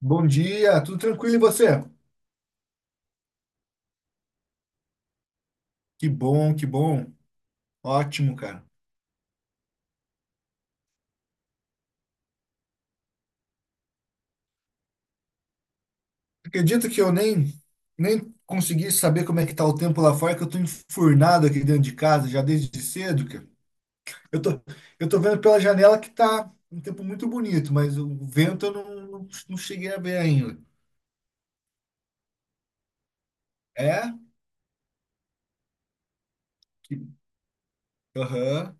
Bom dia, tudo tranquilo e você? Que bom, que bom. Ótimo, cara. Acredita que eu nem consegui saber como é que tá o tempo lá fora, que eu tô enfurnado aqui dentro de casa já desde cedo, cara. Eu tô eu tô vendo pela janela que tá um tempo muito bonito, mas o vento eu não cheguei a ver ainda. É? Que- Aham.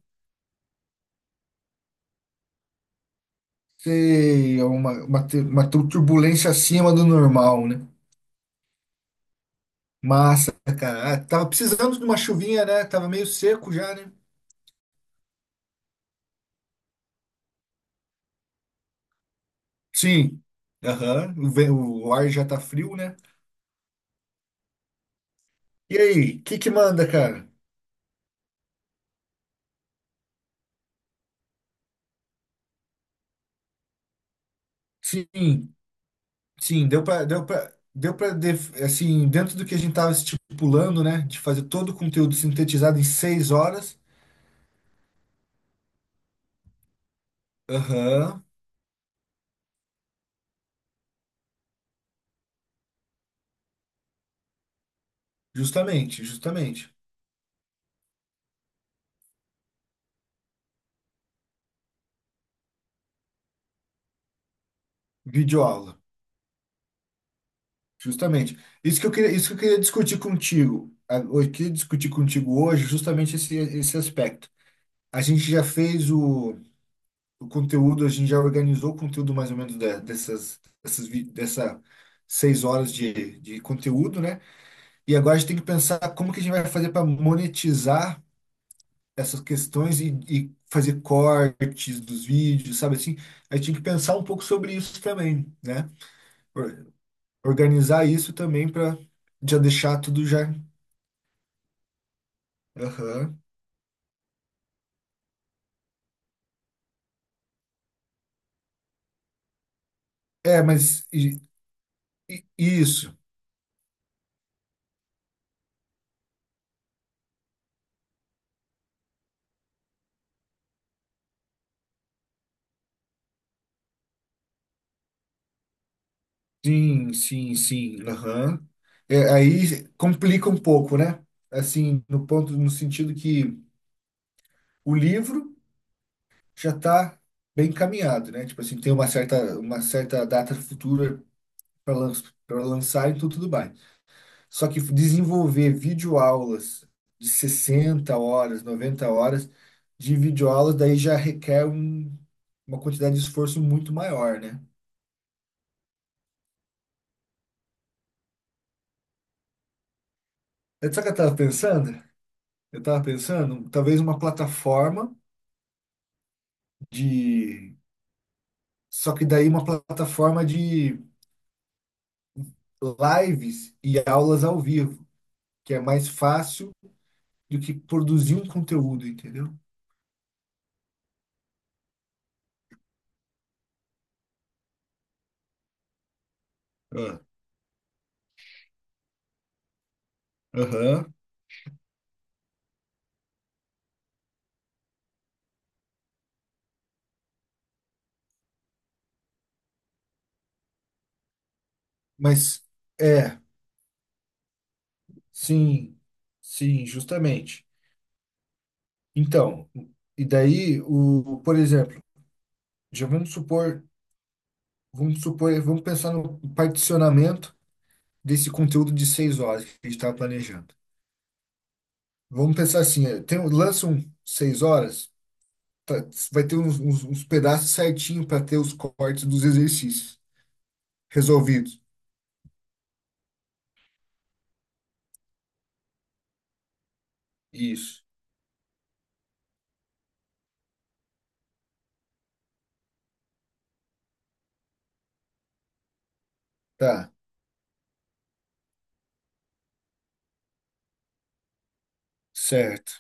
Sei, é uma turbulência acima do normal, né? Massa, cara. Ah, tava precisando de uma chuvinha, né? Tava meio seco já, né? Sim. Aham. O ar já tá frio, né? E aí, o que que manda, cara? Sim, sim, assim, dentro do que a gente tava estipulando, né? De fazer todo o conteúdo sintetizado em 6 horas. Aham. Justamente, justamente. Videoaula. Justamente. Isso que eu queria discutir contigo. Eu queria discutir contigo hoje justamente esse aspecto. A gente já fez o. O conteúdo, a gente já organizou o conteúdo mais ou menos dessa 6 horas de conteúdo, né? E agora a gente tem que pensar como que a gente vai fazer para monetizar essas questões e fazer cortes dos vídeos, sabe assim? A gente tem que pensar um pouco sobre isso também, né? Or- Organizar isso também para já deixar tudo já. Aham. É, mas isso. Sim, sim, sim. Aham. É, aí complica um pouco, né? Assim, no ponto, no sentido que o livro já está bem encaminhado, né? Tipo assim, tem uma certa data futura para lan para lançar, então tudo bem. Só que desenvolver videoaulas de 60 horas, 90 horas de videoaulas, daí já requer uma quantidade de esforço muito maior, né? Sabe o que eu estava pensando? Eu estava pensando, talvez uma plataforma de só que daí uma plataforma de lives e aulas ao vivo, que é mais fácil do que produzir um conteúdo, entendeu? Ah, aham. Mas é, sim, sim, justamente. Então, e daí o, por exemplo, já vamos pensar no particionamento desse conteúdo de 6 horas que a gente estava planejando. Vamos pensar assim, tem, lança um 6 horas, tá- vai ter uns pedaços certinho para ter os cortes dos exercícios resolvidos. Isso. Tá, certo.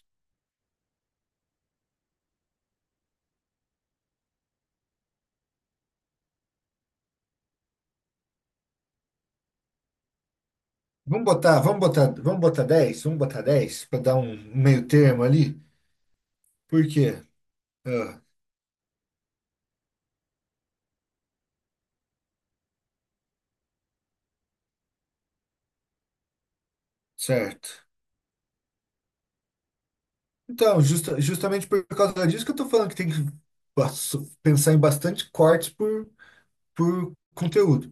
Vamos botar 10 para dar um meio termo ali. Por quê? Ah, certo. Então, justamente por causa disso que eu tô falando que tem que bas- pensar em bastante cortes por conteúdo.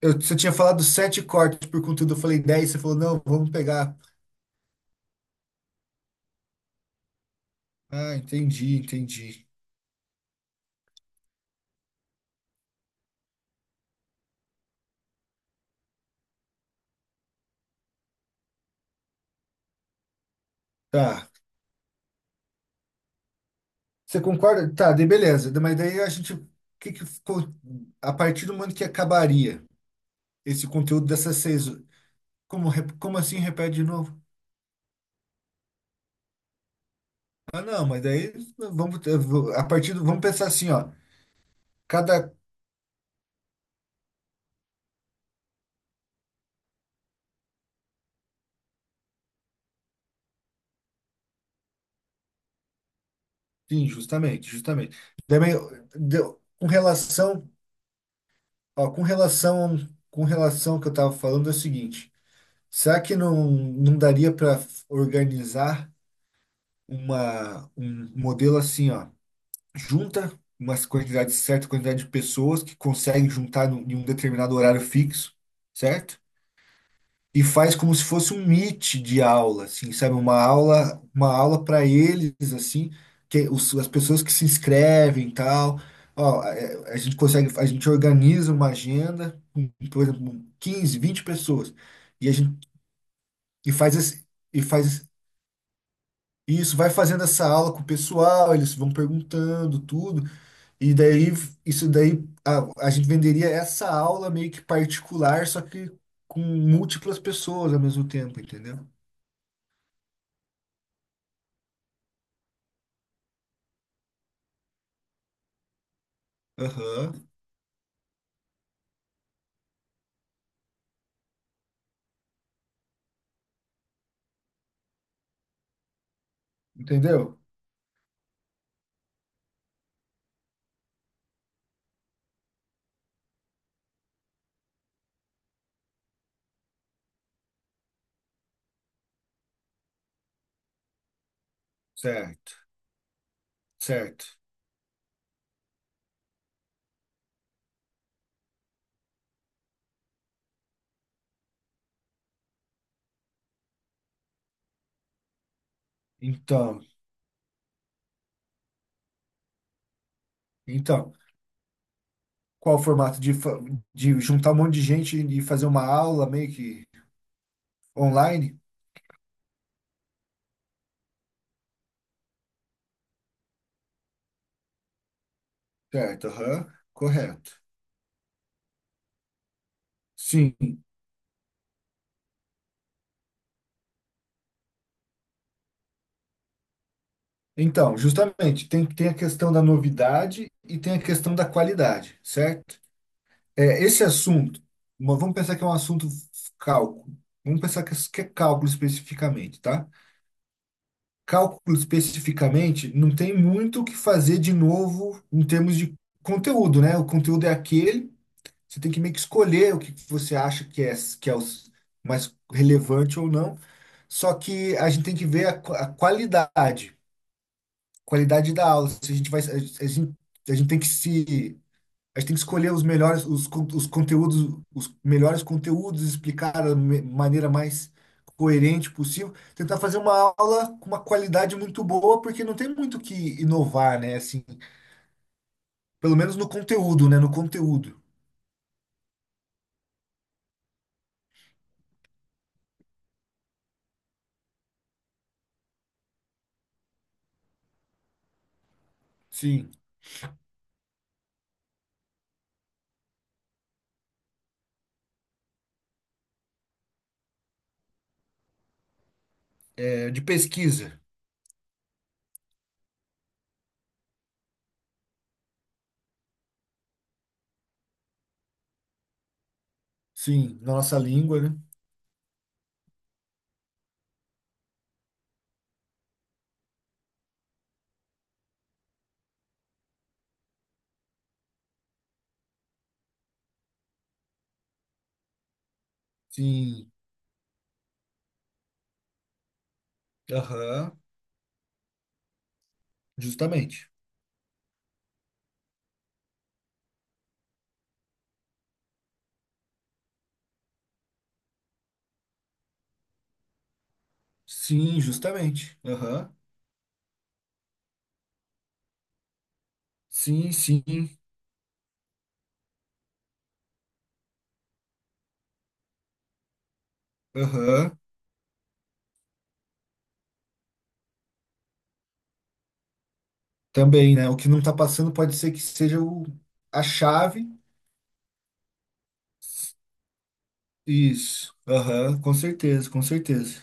Você tinha falado 7 cortes por conteúdo, eu falei 10, você falou, não, vamos pegar. Ah, entendi, entendi. Tá. Você concorda? Tá, daí beleza. Mas daí a gente, o que que ficou a partir do momento que acabaria esse conteúdo dessas seis? Como, como assim repete de novo? Ah, não, mas daí a partir do, vamos pensar assim, ó. Cada Sim, justamente, justamente. Também com relação, ó, com relação ao que eu estava falando é o seguinte. Será que não daria para organizar um modelo assim, ó? Junta certa quantidade de pessoas que conseguem juntar em um determinado horário fixo, certo? E faz como se fosse um meet de aula, assim, sabe? Uma aula para eles, assim, que é as pessoas que se inscrevem e tal. Ó, é, a gente organiza uma agenda com, por exemplo, 15, 20 pessoas. E a gente e faz esse, e faz isso, vai fazendo essa aula com o pessoal, eles vão perguntando tudo. E daí, isso daí, a gente venderia essa aula meio que particular, só que com múltiplas pessoas ao mesmo tempo, entendeu? Aham. Entendeu? Certo, certo. Então, então, qual o formato de juntar um monte de gente e fazer uma aula meio que online? Certo, aham, correto. Sim. Então, justamente, tem a questão da novidade e tem a questão da qualidade, certo? É, esse assunto, mas vamos pensar que é um assunto cálculo. Vamos pensar que é cálculo especificamente, tá? Cálculo especificamente não tem muito o que fazer de novo em termos de conteúdo, né? O conteúdo é aquele, você tem que meio que escolher o que você acha que é mais relevante ou não. Só que a gente tem que ver a qualidade da aula. Se a gente vai, gente, a gente tem que se a gente tem que escolher os melhores conteúdos, explicar da maneira mais coerente possível, tentar fazer uma aula com uma qualidade muito boa, porque não tem muito o que inovar, né? Assim, pelo menos no conteúdo, né? No conteúdo. Sim, de pesquisa. Sim, na nossa língua, né? Sim, aham, justamente. Sim, justamente. Aham. Sim, sim. Aham. Também, né? O que não está passando pode ser que seja a chave. Isso. Aham, com certeza, com certeza.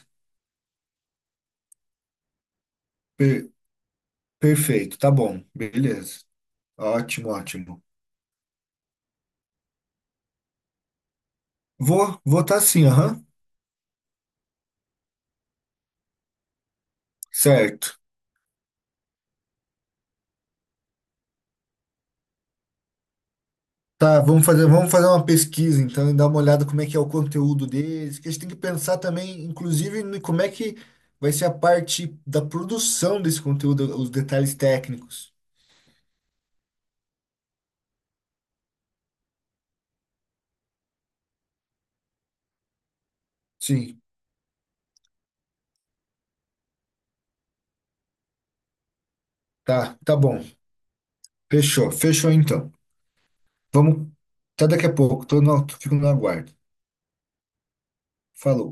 Per- perfeito, tá bom. Beleza. Ótimo, ótimo. Vou tá sim, aham. Certo. Tá, vamos fazer uma pesquisa então e dar uma olhada como é que é o conteúdo deles, que a gente tem que pensar também, inclusive, como é que vai ser a parte da produção desse conteúdo, os detalhes técnicos. Sim, tá, tá bom. Fechou, fechou então. Vamos, até daqui a pouco. Tô no, fico no aguardo. Falou.